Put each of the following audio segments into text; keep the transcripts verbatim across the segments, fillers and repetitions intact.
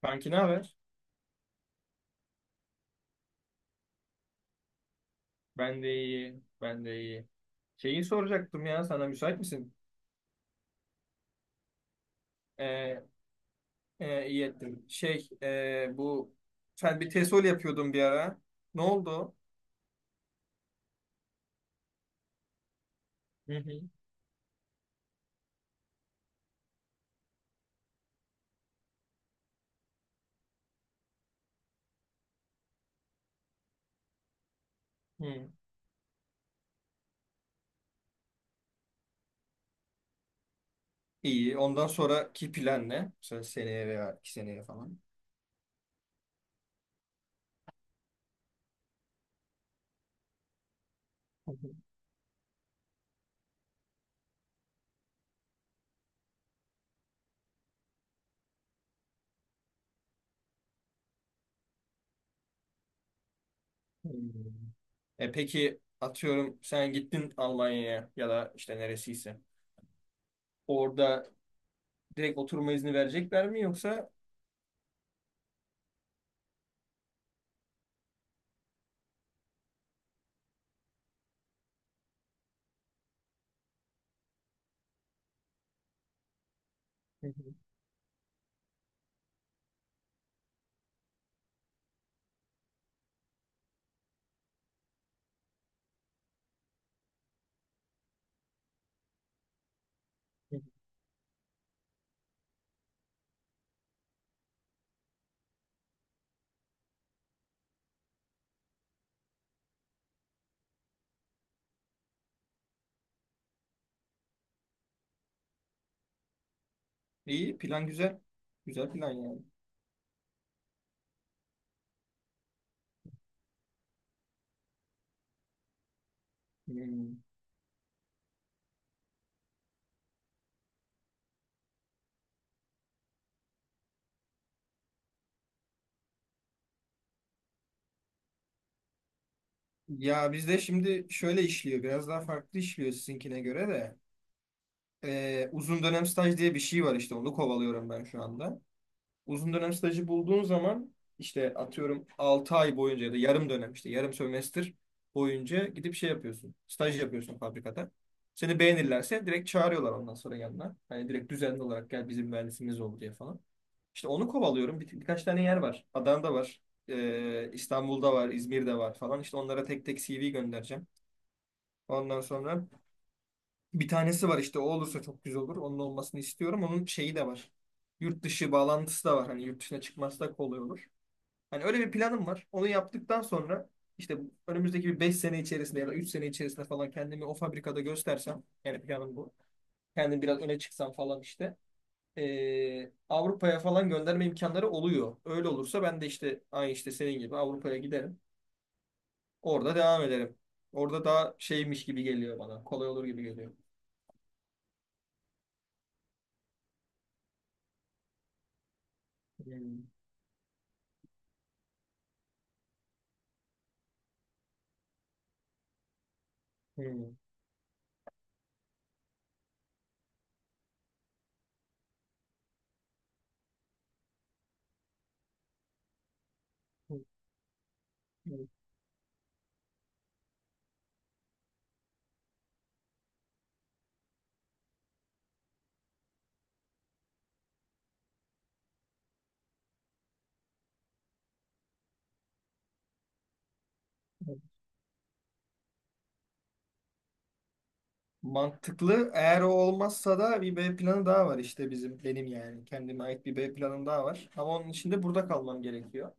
Kanki ne haber? Ben de iyi, ben de iyi. Şeyi soracaktım ya, sana müsait misin? Ee, e, iyi ettin. Şey, e, bu sen bir tesol yapıyordun bir ara. Ne oldu? Hı hı. Hı. İyi. Ondan sonraki plan ne? Mesela seneye veya iki seneye falan. Hı hı. Hı. E peki, atıyorum sen gittin Almanya'ya ya da işte neresiyse. Orada direkt oturma izni verecekler mi, yoksa? Hı hı. Hı hı. İyi plan, güzel. Güzel plan yani. Hmm. Ya bizde şimdi şöyle işliyor. Biraz daha farklı işliyor sizinkine göre de. Ee, uzun dönem staj diye bir şey var işte. Onu kovalıyorum ben şu anda. Uzun dönem stajı bulduğun zaman işte atıyorum altı ay boyunca ya da yarım dönem işte yarım sömestr boyunca gidip şey yapıyorsun. Staj yapıyorsun fabrikada. Seni beğenirlerse direkt çağırıyorlar ondan sonra yanına. Hani direkt düzenli olarak gel bizim mühendisimiz ol diye falan. İşte onu kovalıyorum. Bir, birkaç tane yer var. Adana'da var. Ee, İstanbul'da var, İzmir'de var falan. İşte onlara tek tek C V göndereceğim. Ondan sonra bir tanesi var işte, o olursa çok güzel olur. Onun olmasını istiyorum. Onun şeyi de var. Yurt dışı bağlantısı da var. Hani yurt dışına çıkması da kolay olur. Hani öyle bir planım var. Onu yaptıktan sonra işte önümüzdeki bir beş sene içerisinde ya da üç sene içerisinde falan kendimi o fabrikada göstersem, yani planım bu. Kendim biraz öne çıksam falan işte. eee, Avrupa'ya falan gönderme imkanları oluyor. Öyle olursa ben de işte aynı işte senin gibi Avrupa'ya giderim. Orada devam ederim. Orada daha şeymiş gibi geliyor bana. Kolay olur gibi geliyor. Hmm. Hmm. Mantıklı. Eğer o olmazsa da bir B planı daha var işte bizim, benim yani. Kendime ait bir B planım daha var. Ama onun için de burada kalmam gerekiyor.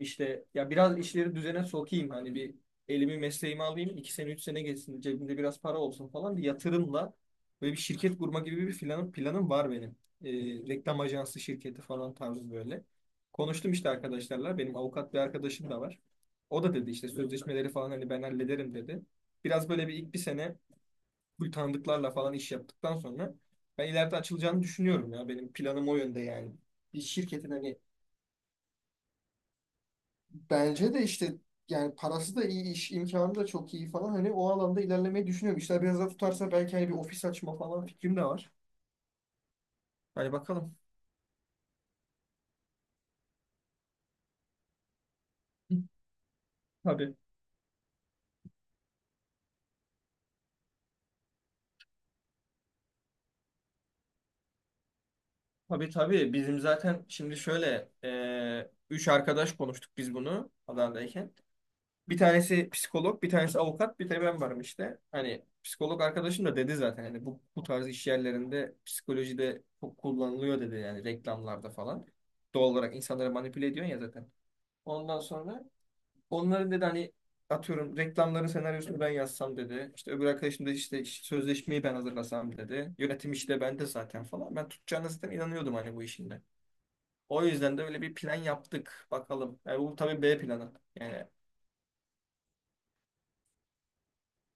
İşte ya biraz işleri düzene sokayım, hani bir elimi mesleğimi alayım, iki sene üç sene geçsin, cebimde biraz para olsun falan, bir yatırımla böyle bir şirket kurma gibi bir planım planım var benim. Ee, reklam ajansı şirketi falan tarzı böyle. Konuştum işte arkadaşlarla, benim avukat bir arkadaşım da var. O da dedi işte sözleşmeleri falan hani ben hallederim dedi. Biraz böyle bir ilk bir sene bu tanıdıklarla falan iş yaptıktan sonra ben ileride açılacağını düşünüyorum ya, benim planım o yönde yani. Bir şirketin hani bence de işte yani parası da iyi, iş imkanı da çok iyi falan. Hani o alanda ilerlemeyi düşünüyorum. İşler biraz daha tutarsa belki hani bir ofis açma falan fikrim de var. Hani bakalım. Tabii. Tabii tabii. Bizim zaten şimdi şöyle, e, üç arkadaş konuştuk biz bunu Adana'dayken. Bir tanesi psikolog, bir tanesi avukat, bir de ben varım işte. Hani psikolog arkadaşım da dedi zaten hani bu, bu tarz iş yerlerinde psikolojide çok kullanılıyor dedi, yani reklamlarda falan. Doğal olarak insanları manipüle ediyorsun ya zaten. Ondan sonra onların dedi hani atıyorum reklamların senaryosunu ben yazsam dedi. İşte öbür arkadaşım da işte sözleşmeyi ben hazırlasam dedi. Yönetim işi de bende zaten falan. Ben tutacağına zaten inanıyordum hani bu işinde. O yüzden de öyle bir plan yaptık. Bakalım. Yani bu tabii B planı. Yani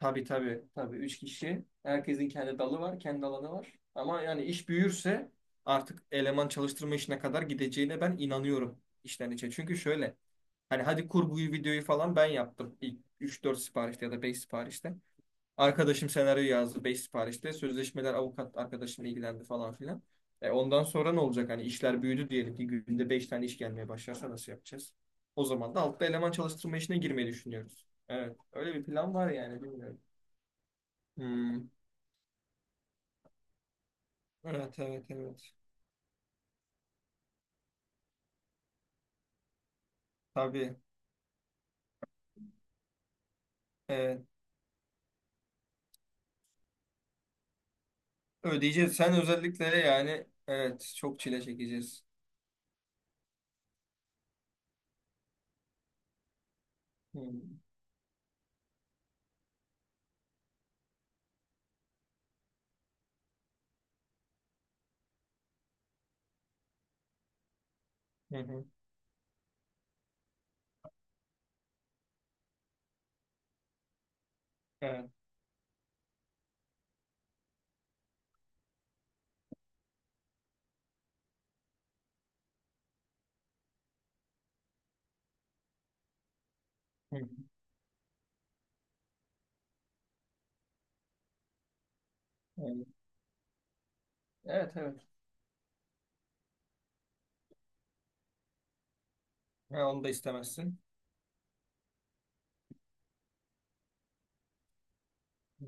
tabii tabii tabii üç kişi. Herkesin kendi dalı var, kendi alanı var. Ama yani iş büyürse artık eleman çalıştırma işine kadar gideceğine ben inanıyorum işten içe. Çünkü şöyle, hani hadi kurguyu, videoyu falan ben yaptım ilk üç dört siparişte ya da beş siparişte. Arkadaşım senaryo yazdı beş siparişte. Sözleşmeler avukat arkadaşımla ilgilendi falan filan. E ondan sonra ne olacak? Hani işler büyüdü diyelim ki, günde beş tane iş gelmeye başlarsa nasıl yapacağız? O zaman da altta eleman çalıştırma işine girmeyi düşünüyoruz. Evet. Öyle bir plan var yani, bilmiyorum. Hmm. Evet evet evet. Tabii. Evet. Ödeyeceğiz. Sen özellikle, yani evet, çok çile çekeceğiz. Hmm. Hı hı. Evet. Hı hı. Evet evet. Ha, onu da istemezsin. Hı.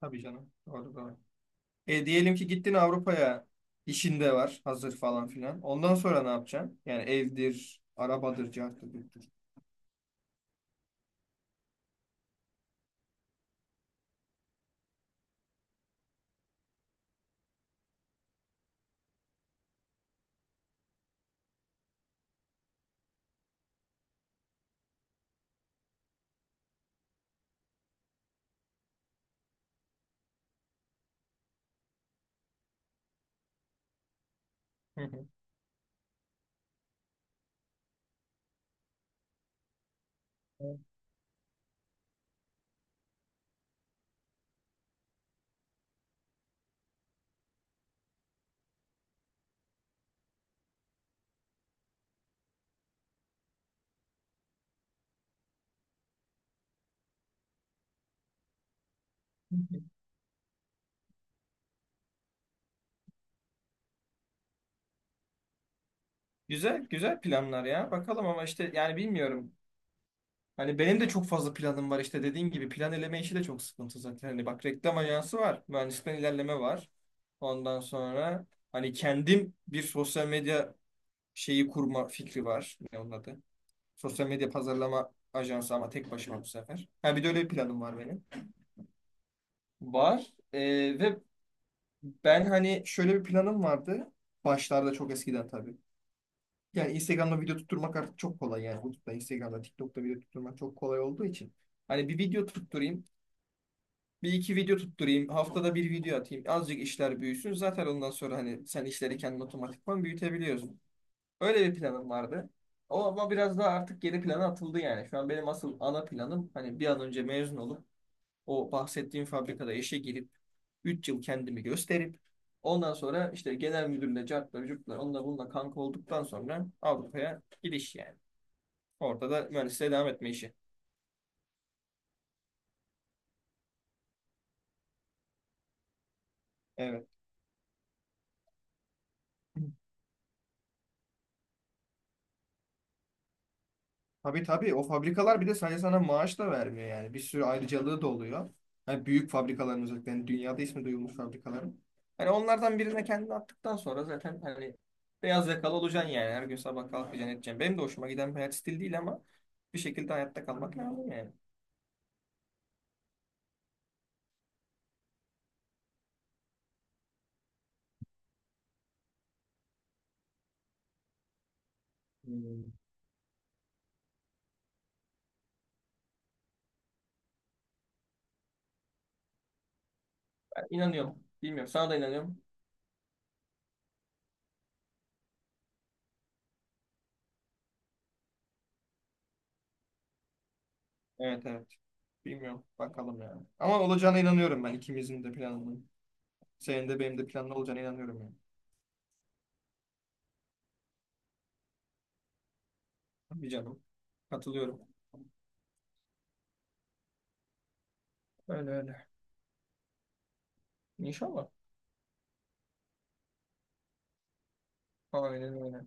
Tabii canım. Doğru doğru. E, diyelim ki gittin Avrupa'ya, işinde var hazır falan filan. Ondan sonra ne yapacaksın? Yani evdir, arabadır, carttır, curttur. Hı hı. Güzel, güzel planlar ya. Bakalım ama işte yani, bilmiyorum. Hani benim de çok fazla planım var, işte dediğin gibi plan eleme işi de çok sıkıntı zaten. Hani bak, reklam ajansı var, mühendisten ilerleme var. Ondan sonra hani kendim bir sosyal medya şeyi kurma fikri var. Ne onun adı? Sosyal medya pazarlama ajansı, ama tek başıma bu sefer. Ha, bir de öyle bir planım var benim. Var. Ee, ve ben hani şöyle bir planım vardı. Başlarda, çok eskiden tabii. Yani Instagram'da video tutturmak artık çok kolay yani. YouTube'da, Instagram'da, TikTok'ta video tutturmak çok kolay olduğu için. Hani bir video tutturayım. Bir iki video tutturayım. Haftada bir video atayım. Azıcık işler büyüsün. Zaten ondan sonra hani sen işleri kendin otomatikman büyütebiliyorsun. Öyle bir planım vardı. O ama biraz daha artık geri plana atıldı yani. Şu an benim asıl ana planım hani bir an önce mezun olup o bahsettiğim fabrikada işe girip üç yıl kendimi gösterip ondan sonra işte genel müdürle, cartla, curtla, onunla bununla kanka olduktan sonra Avrupa'ya gidiş yani. Orada da mühendisliğe devam etme işi. Evet. Tabii tabii, o fabrikalar bir de sadece sana maaş da vermiyor yani. Bir sürü ayrıcalığı da oluyor. Hani büyük fabrikaların, özellikle hani dünyada ismi duyulmuş fabrikaların. Hani onlardan birine kendini attıktan sonra zaten hani beyaz yakalı olacaksın yani. Her gün sabah kalkacaksın, edeceksin. Benim de hoşuma giden bir hayat stili değil ama bir şekilde hayatta kalmak lazım yani. Hmm. Ben inanıyorum. Bilmiyorum. Sana da inanıyorum. Evet evet. Bilmiyorum. Bakalım yani. Ama olacağına inanıyorum ben. İkimizin de planlı. Senin de benim de planlı olacağına inanıyorum yani. Bir canım. Katılıyorum. Öyle öyle. İnşallah. Aynen öyle.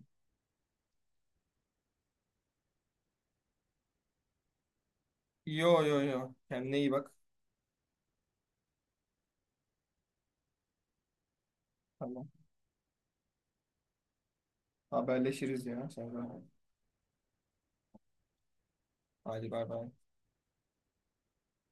Yo yo yo. Kendine iyi bak. Tamam. Haberleşiriz ya. Sen de. Hadi bay bay.